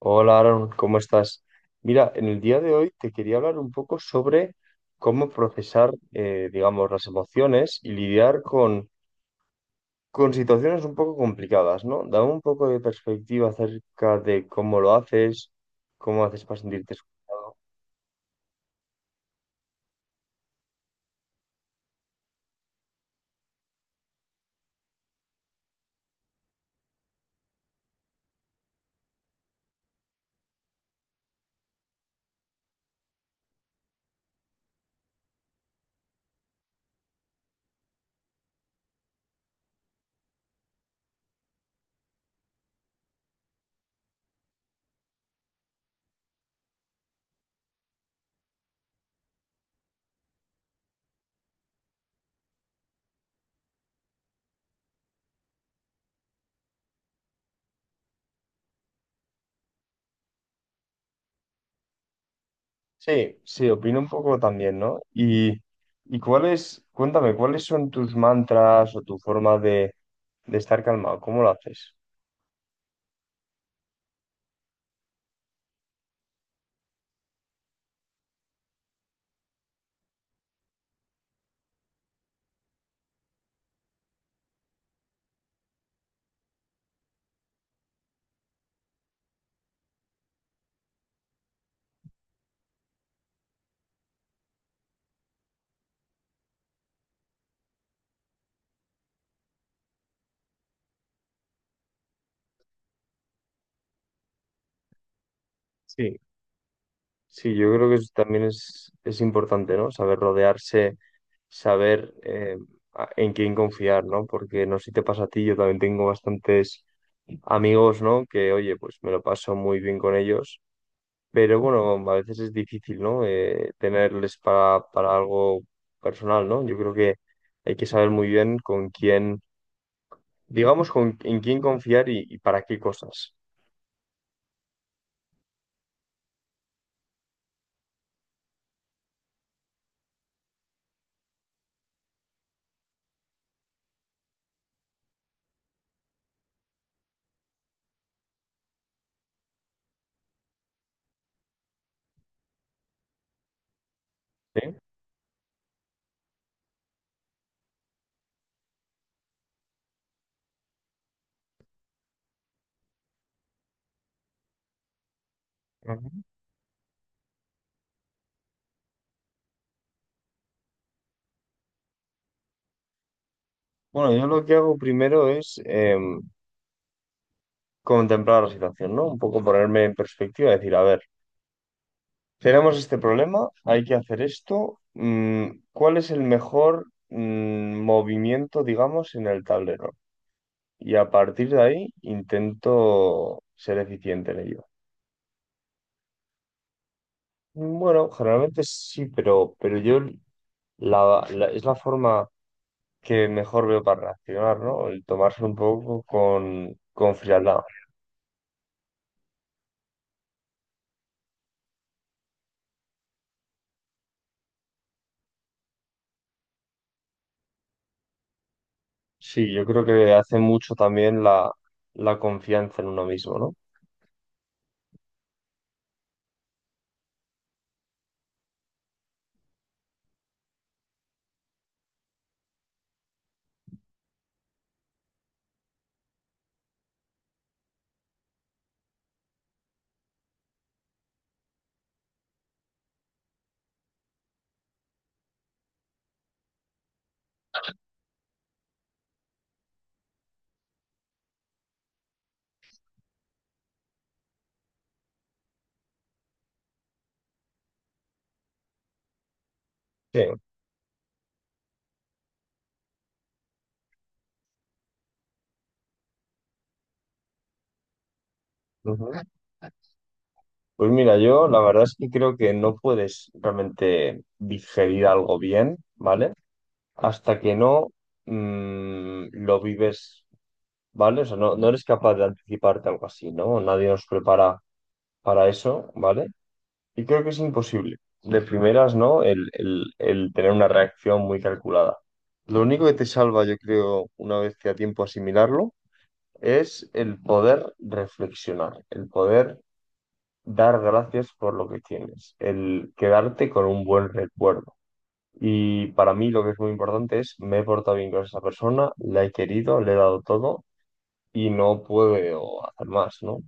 Hola Aaron, ¿cómo estás? Mira, en el día de hoy te quería hablar un poco sobre cómo procesar, digamos, las emociones y lidiar con situaciones un poco complicadas, ¿no? Dame un poco de perspectiva acerca de cómo lo haces, cómo haces para sentirte escuchado. Sí, sí, opino un poco también, ¿no? Y cuáles, cuéntame, ¿cuáles son tus mantras o tu forma de estar calmado? ¿Cómo lo haces? Sí. Sí, yo creo que eso también es importante, ¿no? Saber rodearse, saber en quién confiar, ¿no? Porque no sé si te pasa a ti, yo también tengo bastantes amigos, ¿no? Que, oye, pues me lo paso muy bien con ellos, pero bueno, a veces es difícil, ¿no? Tenerles para algo personal, ¿no? Yo creo que hay que saber muy bien con quién, digamos, con, en quién confiar y para qué cosas. ¿Sí? Ujú. Bueno, yo lo que hago primero es contemplar la situación, ¿no? Un poco ponerme en perspectiva, decir, a ver, tenemos este problema, hay que hacer esto, ¿cuál es el mejor movimiento, digamos, en el tablero? Y a partir de ahí intento ser eficiente en ello. Bueno, generalmente sí, pero yo es la forma que mejor veo para reaccionar, ¿no? El tomarse un poco con frialdad. Sí, yo creo que hace mucho también la confianza en uno mismo, ¿no? Sí. Ujú. Pues mira, yo la verdad es que creo que no puedes realmente digerir algo bien, ¿vale? Hasta que no lo vives, ¿vale? O sea, no eres capaz de anticiparte algo así, ¿no? Nadie nos prepara para eso, ¿vale? Y creo que es imposible. De primeras, ¿no? El tener una reacción muy calculada. Lo único que te salva, yo creo, una vez que a tiempo asimilarlo, es el poder reflexionar, el poder dar gracias por lo que tienes, el quedarte con un buen recuerdo. Y para mí lo que es muy importante es, me he portado bien con esa persona, la he querido, le he dado todo y no puedo hacer más, ¿no?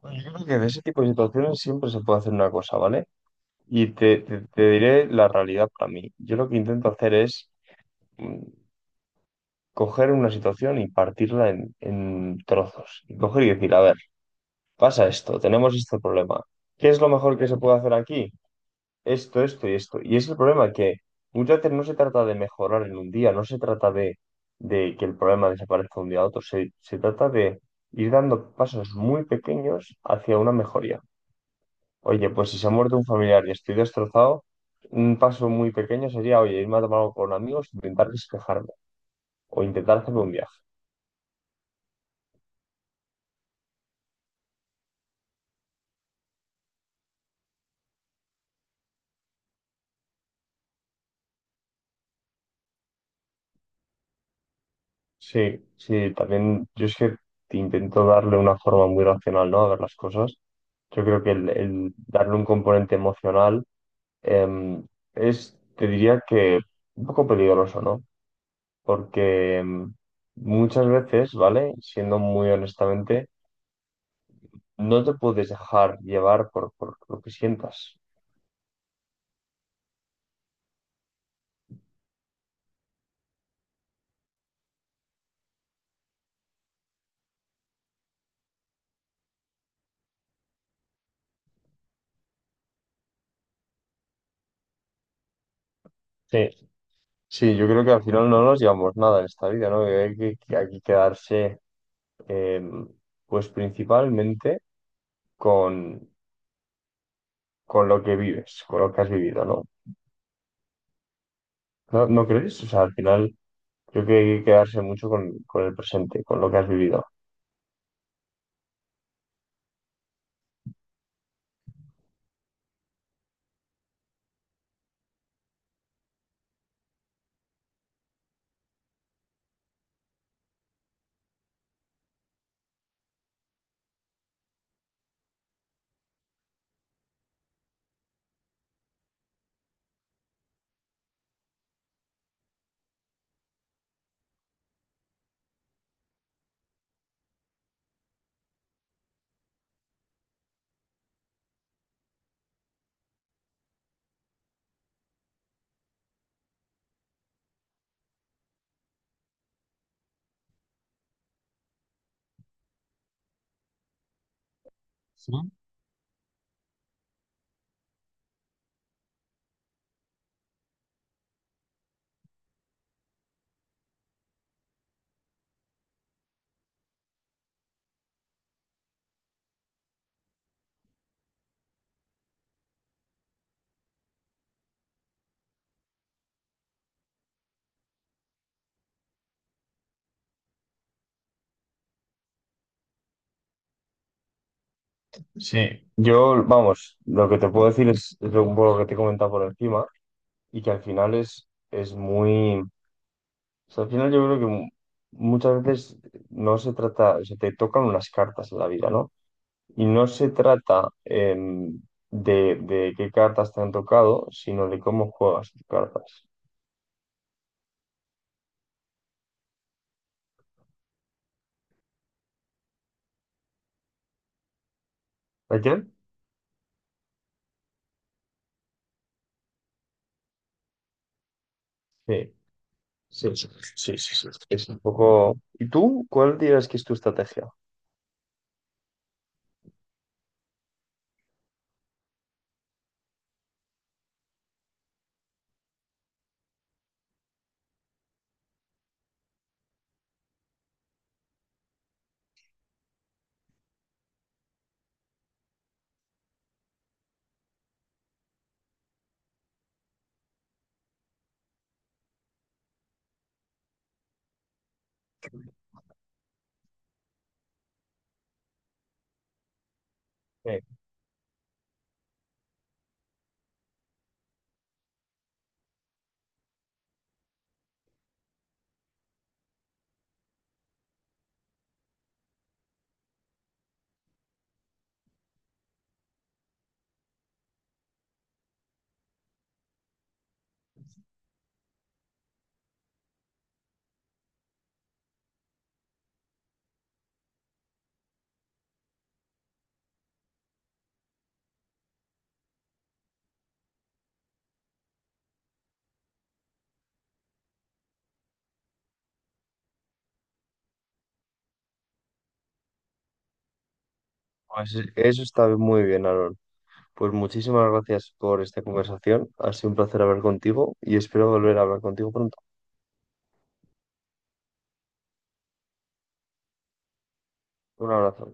Pues yo creo que de ese tipo de situaciones siempre se puede hacer una cosa, ¿vale? Y te diré la realidad para mí. Yo lo que intento hacer es mm, coger una situación y partirla en trozos. Y coger y decir, a ver, pasa esto, tenemos este problema. ¿Qué es lo mejor que se puede hacer aquí? Esto y esto. Y es el problema que muchas veces no se trata de mejorar en un día, no se trata de que el problema desaparezca de un día a otro, se trata de ir dando pasos muy pequeños hacia una mejoría. Oye, pues si se ha muerto un familiar y estoy destrozado, un paso muy pequeño sería, oye, irme a tomar algo con amigos, intentar despejarme o intentar hacerme un viaje. Sí, sí, también yo es que te intento darle una forma muy racional, ¿no? A ver las cosas. Yo creo que el darle un componente emocional em, es, te diría que un poco peligroso, ¿no? Porque muchas veces, ¿vale? Siendo muy honestamente, no te puedes dejar llevar por lo que sientas. Sí, sí, yo creo que al final no nos llevamos nada en esta vida, ¿no? Que hay que hay que quedarse, em, pues principalmente con, con lo que vives, con lo que has vivido, ¿no? ¿No, no crees? O sea, al final creo que hay que quedarse mucho con el presente, con lo que has vivido. Sí, yo, vamos, lo que te puedo decir es lo, un poco lo que te he comentado por encima y que al final es muy... O sea, al final yo creo que muchas veces no se trata, o sea, te tocan unas cartas en la vida, ¿no? Y no se trata de qué cartas te han tocado, sino de cómo juegas tus cartas. ¿Ayer? Sí, sí, sí, sí, sí, sí. Es un poco... ¿Y tú? ¿Cuál dirías que es tu estrategia? Sí, pues eso está muy bien, Aaron. Pues muchísimas gracias por esta conversación. Ha sido un placer hablar contigo y espero volver a hablar contigo pronto. Un abrazo.